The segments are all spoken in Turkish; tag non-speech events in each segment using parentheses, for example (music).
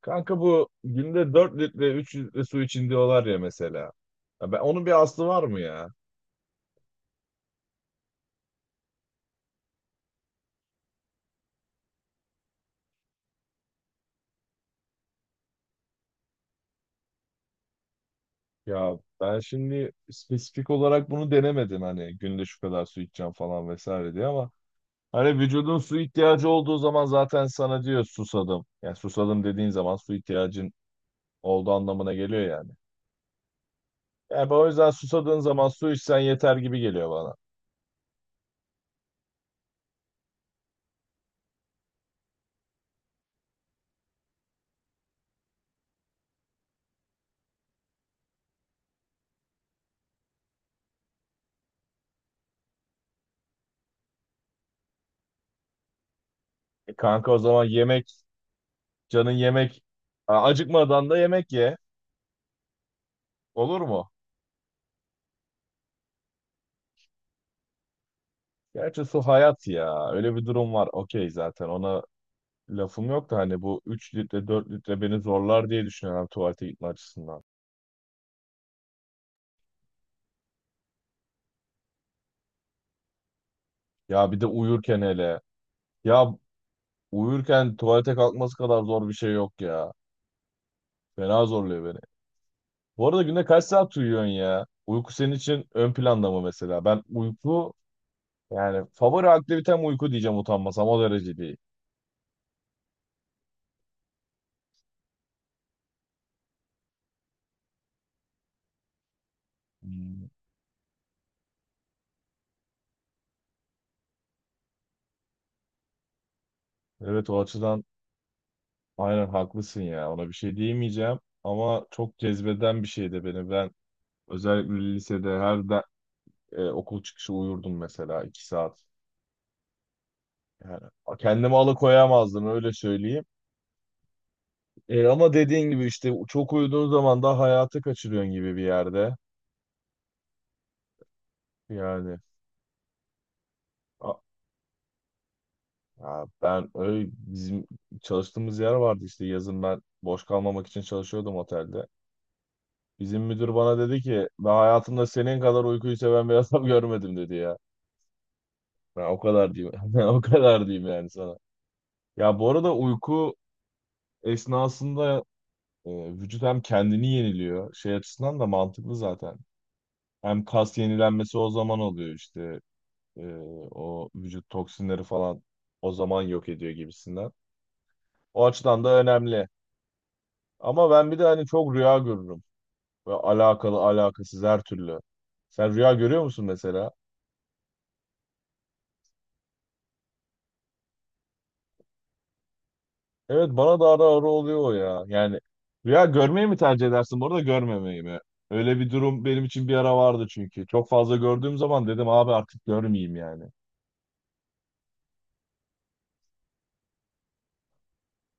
Kanka bu günde 4 litre 3 litre su için diyorlar ya mesela. Ya ben, onun bir aslı var mı ya? Ya ben şimdi spesifik olarak bunu denemedim hani günde şu kadar su içeceğim falan vesaire diye ama hani vücudun su ihtiyacı olduğu zaman zaten sana diyor susadım. Yani susadım dediğin zaman su ihtiyacın olduğu anlamına geliyor yani. Yani ben o yüzden susadığın zaman su içsen yeter gibi geliyor bana. E kanka o zaman yemek, canın yemek, acıkmadan da yemek ye. Olur mu? Gerçi su hayat ya. Öyle bir durum var. Okey zaten ona lafım yok da hani bu 3 litre 4 litre beni zorlar diye düşünüyorum tuvalete gitme açısından. Ya bir de uyurken hele. Ya uyurken tuvalete kalkması kadar zor bir şey yok ya. Fena zorluyor beni. Bu arada günde kaç saat uyuyorsun ya? Uyku senin için ön planda mı mesela? Ben uyku yani favori aktivitem uyku diyeceğim utanmasam o derece değil. Hmm. Evet o açıdan aynen haklısın ya. Ona bir şey diyemeyeceğim. Ama çok cezbeden bir şey de beni. Ben özellikle lisede okul çıkışı uyurdum mesela iki saat. Yani kendimi alıkoyamazdım öyle söyleyeyim. Ama dediğin gibi işte çok uyuduğun zaman da hayatı kaçırıyorsun gibi bir yerde. Yani a- ya ben öyle bizim çalıştığımız yer vardı işte yazın ben boş kalmamak için çalışıyordum otelde. Bizim müdür bana dedi ki ben hayatımda senin kadar uykuyu seven bir (laughs) adam görmedim dedi ya. Ben o kadar diyeyim. (laughs) Ben o kadar diyeyim yani sana. Ya bu arada uyku esnasında Ee, vücut hem kendini yeniliyor. Şey açısından da mantıklı zaten. Hem kas yenilenmesi o zaman oluyor işte. Ee, O vücut toksinleri falan o zaman yok ediyor gibisinden. O açıdan da önemli. Ama ben bir de hani çok rüya görürüm. Ve alakalı alakasız her türlü. Sen rüya görüyor musun mesela? Evet bana da ara ara oluyor o ya. Yani rüya görmeyi mi tercih edersin bu arada görmemeyi mi? Öyle bir durum benim için bir ara vardı çünkü. Çok fazla gördüğüm zaman dedim abi artık görmeyeyim yani.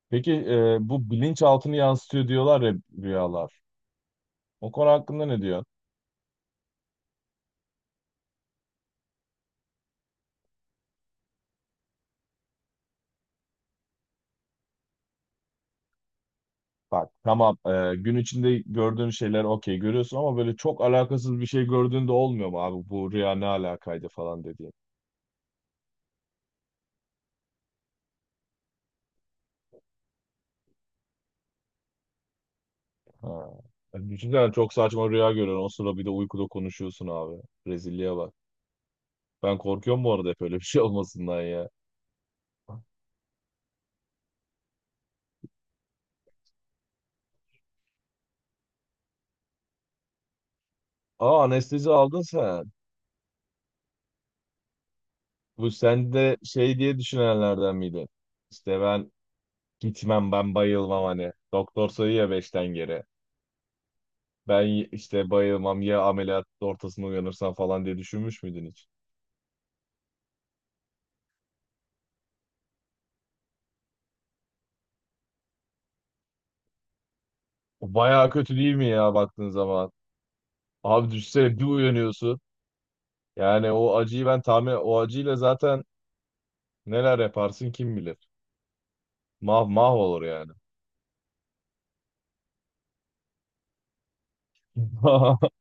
Peki bu bilinçaltını yansıtıyor diyorlar ya rüyalar. O konu hakkında ne diyorsun? Bak tamam, gün içinde gördüğün şeyler okey görüyorsun ama böyle çok alakasız bir şey gördüğünde olmuyor mu abi bu rüya ne alakaydı falan dediğin. Ha. Yani düşünsene çok saçma rüya görüyorsun o sırada bir de uykuda konuşuyorsun abi. Rezilliğe bak. Ben korkuyorum bu arada hep öyle bir şey olmasından ya. Aa, anestezi aldın sen. Bu sen de şey diye düşünenlerden miydin? İşte ben gitmem ben bayılmam hani. Doktor sayıyor ya beşten geri. Ben işte bayılmam ya ameliyat ortasında uyanırsam falan diye düşünmüş müydün hiç? O bayağı kötü değil mi ya baktığın zaman? Abi düşsene bir uyanıyorsun. Yani o acıyı ben tahmin... O acıyla zaten neler yaparsın kim bilir. Mah mah olur yani. (laughs)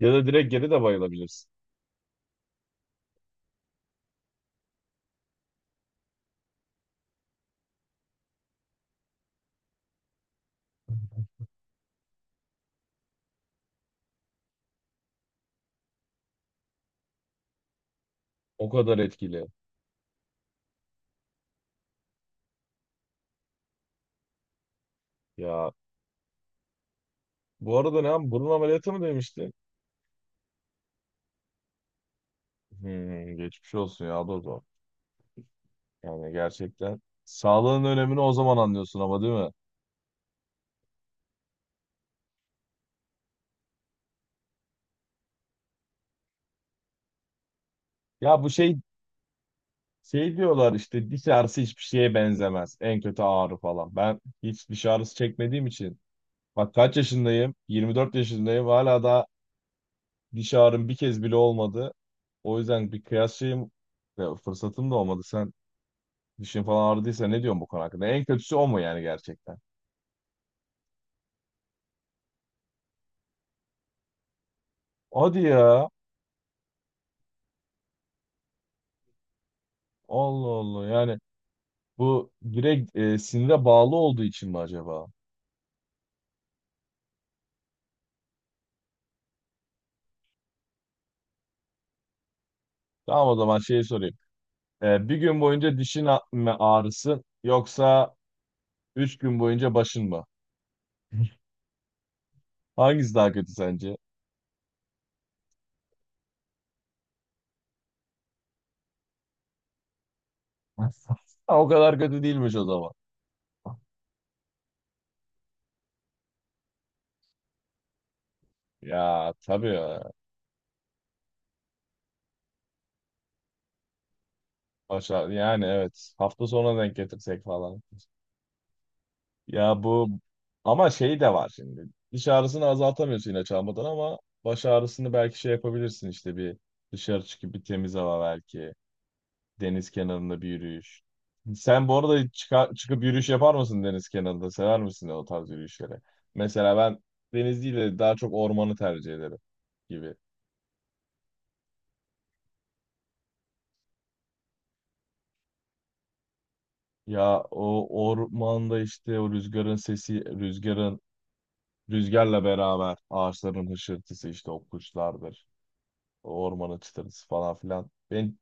Ya da direkt geri de bayılabilirsin. O kadar etkili. Ya bu arada ne? Burun ameliyatı mı demiştin? Hmm, geçmiş olsun ya. Dur, yani gerçekten sağlığın önemini o zaman anlıyorsun ama değil mi? Ya bu şey, şey diyorlar işte diş ağrısı hiçbir şeye benzemez. En kötü ağrı falan. Ben hiç diş ağrısı çekmediğim için bak kaç yaşındayım? 24 yaşındayım. Hala da diş ağrım bir kez bile olmadı. O yüzden bir kıyas şeyim, ya fırsatım da olmadı. Sen dişin falan ağrıdıysa ne diyorsun bu konu hakkında? En kötüsü o mu yani gerçekten? Hadi ya. Allah Allah. Yani bu direkt, sinire bağlı olduğu için mi acaba? Tamam o zaman şeyi sorayım. Bir gün boyunca dişin mi ağrısı yoksa üç gün boyunca başın mı? Hangisi daha kötü sence? (laughs) Ha, o kadar kötü değilmiş o zaman. Ya tabii ya. Aşağı, yani evet. Hafta sonuna denk getirsek falan. Ya bu ama şey de var şimdi. Diş ağrısını azaltamıyorsun ilaç almadan ama baş ağrısını belki şey yapabilirsin işte bir dışarı çıkıp bir temiz hava belki. Deniz kenarında bir yürüyüş. Sen bu arada çıkıp yürüyüş yapar mısın deniz kenarında? Sever misin o tarz yürüyüşleri? Mesela ben deniz değil de daha çok ormanı tercih ederim gibi. Ya o ormanda işte o rüzgarın sesi, rüzgarla beraber ağaçların hışırtısı işte o kuşlardır. O ormanın çıtırtısı falan filan. Beni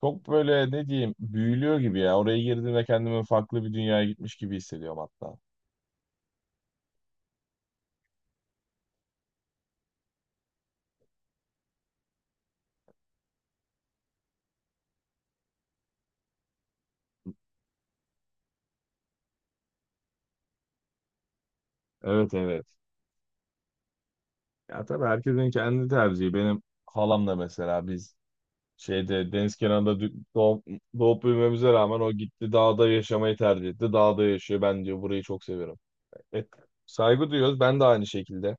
çok böyle ne diyeyim büyülüyor gibi ya. Oraya girdiğimde kendimi farklı bir dünyaya gitmiş gibi hissediyorum hatta. Evet, evet. Ya tabii herkesin kendi tercihi. Benim halamla mesela biz şeyde deniz kenarında doğup, doğup büyümemize rağmen o gitti dağda yaşamayı tercih etti. Dağda yaşıyor. Ben diyor burayı çok seviyorum. Evet, saygı duyuyoruz. Ben de aynı şekilde.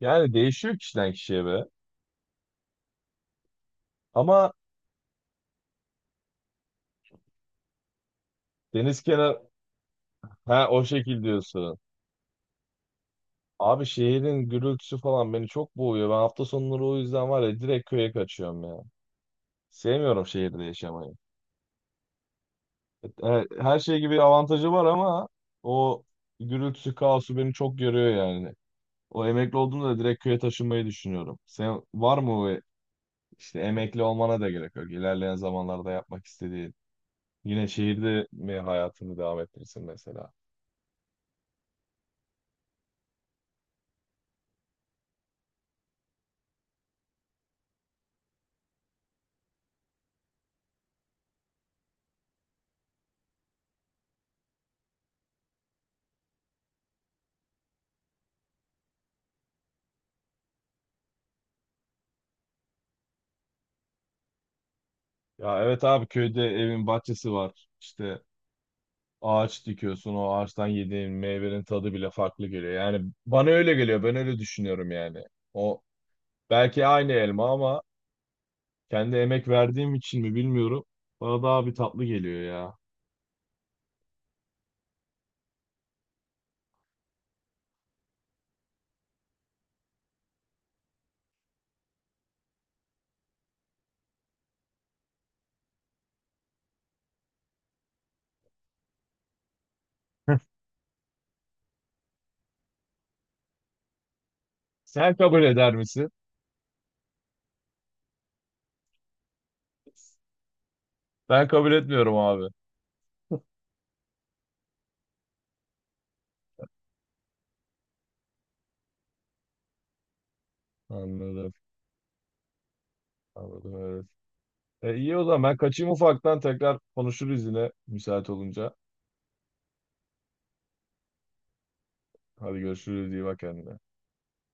Yani değişiyor kişiden kişiye be. Ama deniz kenarı, ha o şekil diyorsun. Abi şehrin gürültüsü falan beni çok boğuyor. Ben hafta sonları o yüzden var ya direkt köye kaçıyorum ya. Sevmiyorum şehirde yaşamayı. Her şey gibi avantajı var ama o gürültüsü, kaosu beni çok görüyor yani. O emekli olduğumda da direkt köye taşınmayı düşünüyorum. Sen var mı o işte emekli olmana da gerek yok. İlerleyen zamanlarda yapmak istediğin. Yine şehirde mi hayatını devam ettirirsin mesela? Ya evet abi köyde evin bahçesi var. İşte ağaç dikiyorsun o ağaçtan yediğin meyvenin tadı bile farklı geliyor. Yani bana öyle geliyor ben öyle düşünüyorum yani. O belki aynı elma ama kendi emek verdiğim için mi bilmiyorum. Bana daha bir tatlı geliyor ya. Sen kabul eder misin? Ben kabul etmiyorum abi. Anladım. Anladım evet. İyi o zaman ben kaçayım ufaktan tekrar konuşuruz yine müsait olunca. Hadi görüşürüz iyi bak kendine.